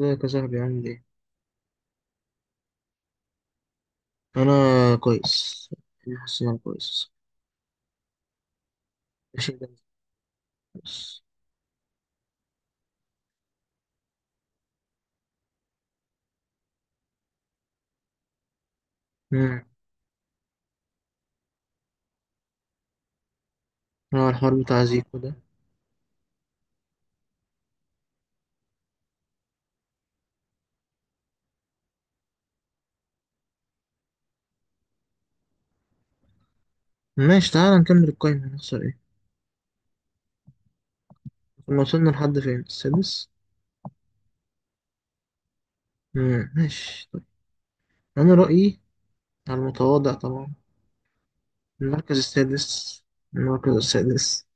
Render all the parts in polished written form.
ازيك يا صاحبي، عامل ايه؟ انا كويس. انا حاسس ان انا كويس. ماشي، ده كويس. امم هو الحوار بتاع زيكو ده. ماشي، تعالى نكمل القايمة، هنخسر ايه؟ كنا وصلنا لحد فين؟ السادس؟ ماشي طيب. انا رأيي، على المتواضع طبعا، المركز السادس. المركز السادس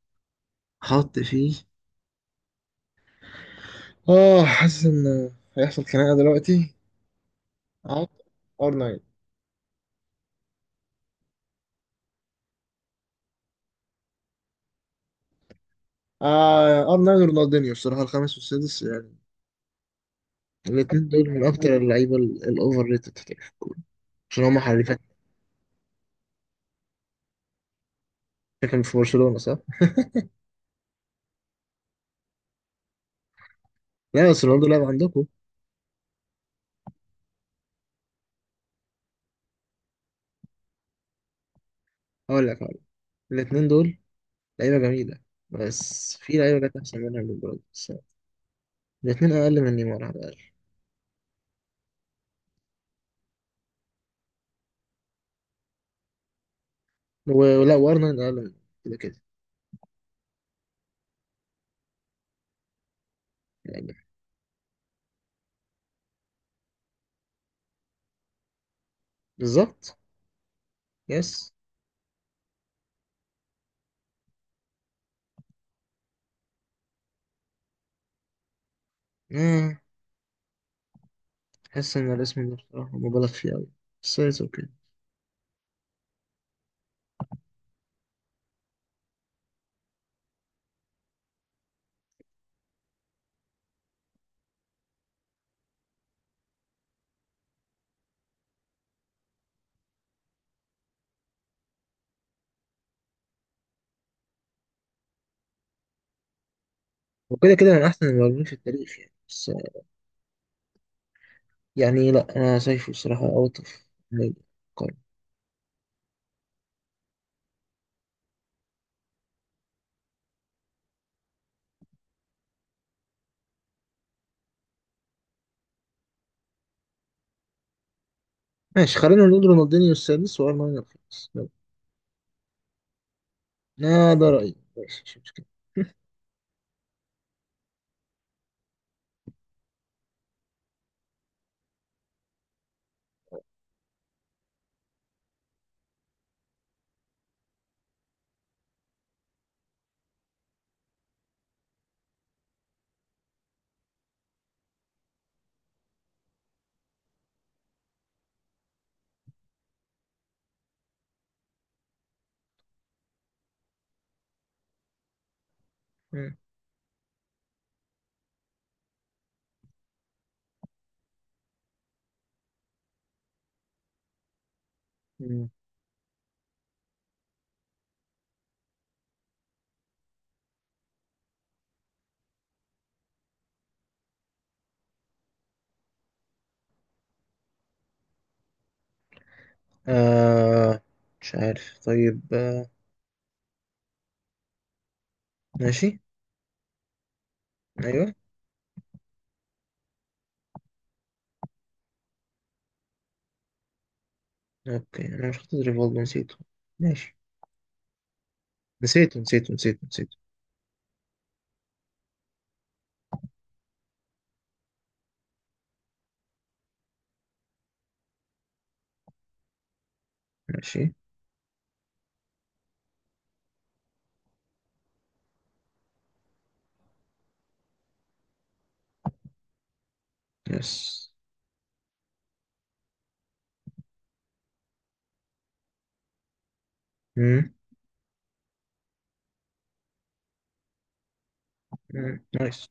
حط فيه. اه، حاسس ان هيحصل خناقة دلوقتي. احط ار 9 ار 9 ورونالدينيو، الصراحة الخامس والسادس يعني. الاتنين دول من أكتر اللعيبة الأوفر ريتد في التاريخ، عشان هم حريفات. فاكر مش في برشلونة صح؟ لا، بس رونالدو لعب عندكم. هقول لك هقول لك الاتنين دول لعيبة جميلة، بس في لعيبة جت أحسن منها من برضه، بس الاتنين أقل من نيمار على الأقل. ولا وأرنولد أقل من كده كده يعني. بالظبط. يس. آه، أحس إن الاسم ده بصراحة مبالغ فيه أوي، بس اتس أوكي. وكده كده من أحسن المهاجمين في التاريخ يعني. بس يعني، لا، أنا شايفه بصراحة أوت أوف قارن. ماشي، خلينا نقول رونالدينيو السادس وأرنولد الخامس يلا. آه، ده رأيي، ماشي مش مشكلة. مم. آه، مش عارف، طيب آه. ماشي. ايوه. اوكي انا مش حاطط ريفولد، نسيته. ماشي. نسيته نسيته نسيته نسيته. ماشي. يس. مم. مم. نايس.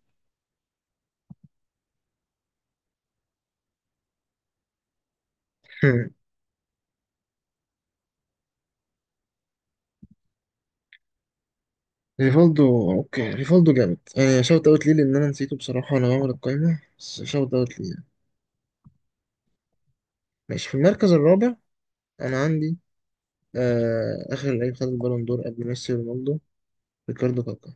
مم. ريفولدو اوكي، ريفولدو جامد. آه شوت اوت ليه، لان انا نسيته بصراحة وانا بعمل القايمة، بس شوت اوت ليه. ماشي، في المركز الرابع انا عندي آه اخر لعيب خد البالون دور قبل ميسي ورونالدو، ريكاردو كاكا.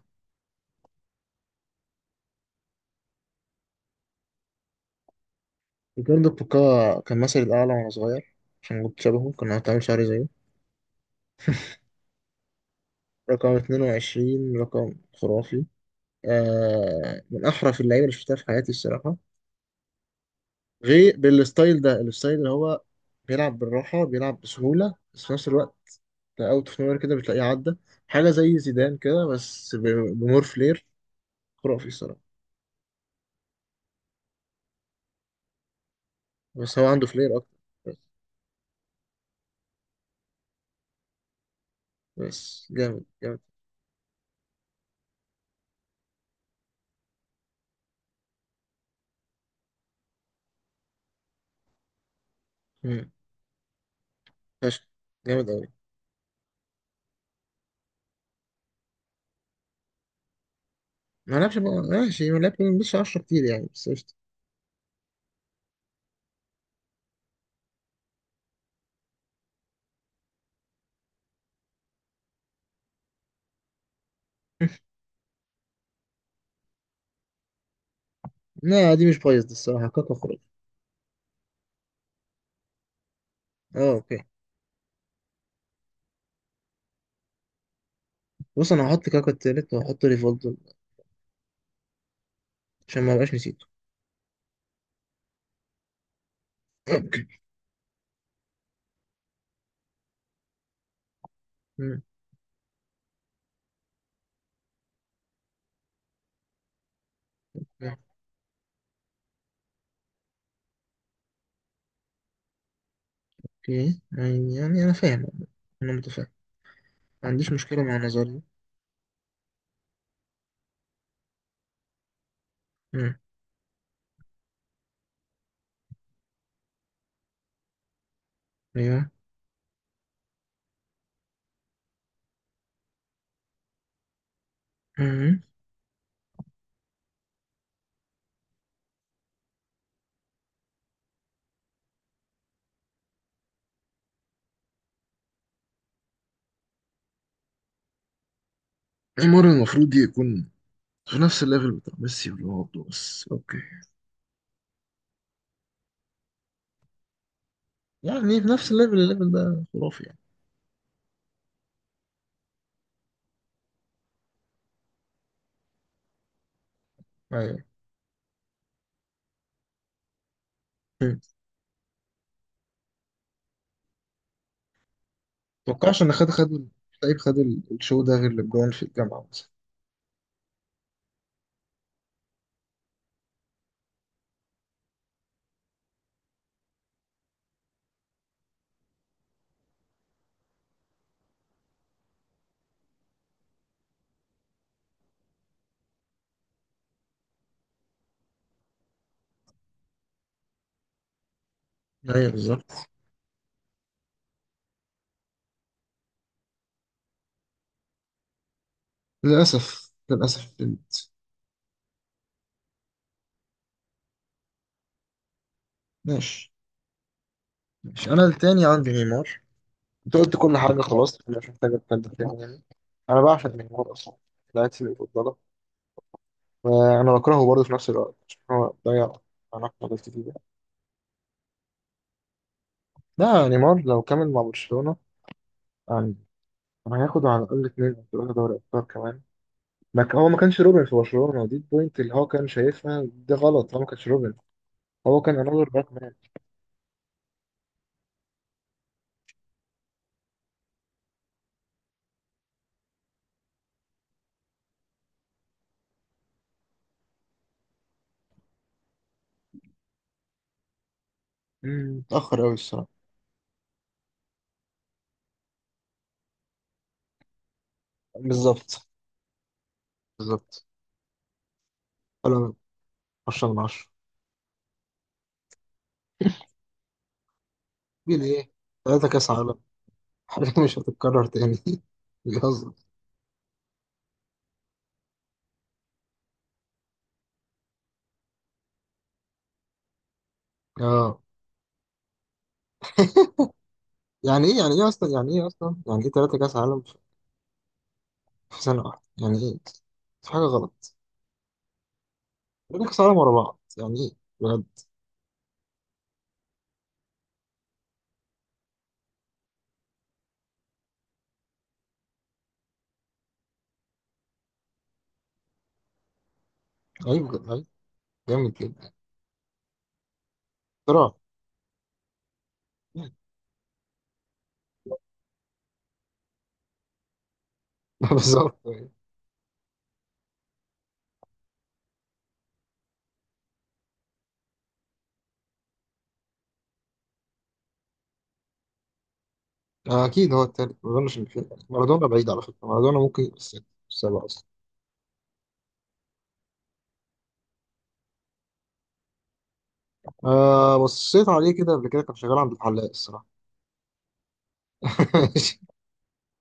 ريكاردو كاكا كان مثلي الاعلى وانا صغير، عشان كنت شبهه، كان هتعمل شعري زيه. رقم 22 رقم خرافي. آه من أحرف اللعيبة اللي شفتها في حياتي الصراحة. غير بالستايل ده، الستايل اللي هو بيلعب بالراحة، بيلعب بسهولة، بس في نفس الوقت أوت أوف نوير كده بتلاقيه عدى. حاجة زي زيدان كده، بس بمور فلير. خرافي الصراحة. بس هو عنده فلير أكتر. بس, بس جامد جامد. مم. فشخ، جامد أوي. ما لعبش ماشي ما لعبش مش 10 كتير يعني، بس قشطة. لا، دي مش بايظ، دي الصراحة كاكا خرافي. اه اوكي. بص انا هحط كاكا التالت وهحط ريفولدو عشان ما ابقاش نسيته. اوكي. مم. اوكي يعني انا فاهم، انا متفاهم، ما عنديش مشكله مع نظري. مم. ايوه. مم. نيمار المفروض يكون في نفس الليفل بتاع ميسي ورونالدو، بس اوكي يعني، في نفس الليفل. الليفل ده خرافي يعني. ايوه. مم. متوقعش ان خد لعيب خد الشو ده، غير لبجون في الجامعه مثلا. ايوه بالظبط. للاسف للاسف بنت. ماشي. ماشي انا التاني عندي نيمار. انت قلت كل حاجة خلاص، مش محتاجة اتكلم تاني يعني. أنا بعشق نيمار أصلا، لعيبتي المفضلة. وأنا بكرهه برضه في نفس الوقت، عشان هو ضيع علاقة حاجات كتير. لا، نيمار لو كمل مع برشلونة يعني هياخد على الأقل اتنين أو تلاتة دوري أبطال كمان. ما ك- هو ما كانش روبن في برشلونة، دي البوينت اللي هو كان شايفها ده غلط، هو ما كانش روبن. هو كان أنظر باك مان. مم، متأخر أوي الصراحة. بالظبط بالظبط. حلو. 10 من 10. مين إيه؟ تلاتة كأس عالم. حاجات مش هتتكرر تاني. بيهزر. اه، يعني ايه؟ يعني ايه اصلا؟ يعني ايه اصلا؟ يعني ايه ثلاثة كاس عالم في في سنة واحدة يعني ايه؟ في حاجة غلط. ثلاثة كاس عالم ورا بعض يعني ايه بجد؟ غريب بجد غريب. جامد جدا. اختراع. بالظبط. آه، اكيد هو التالت. ما اظنش ان في مارادونا. بعيد على فكرة، مارادونا ممكن يبقى السادس، السابع اصلا. آه بصيت عليه كده قبل كده، كان شغال عند الحلاق الصراحة.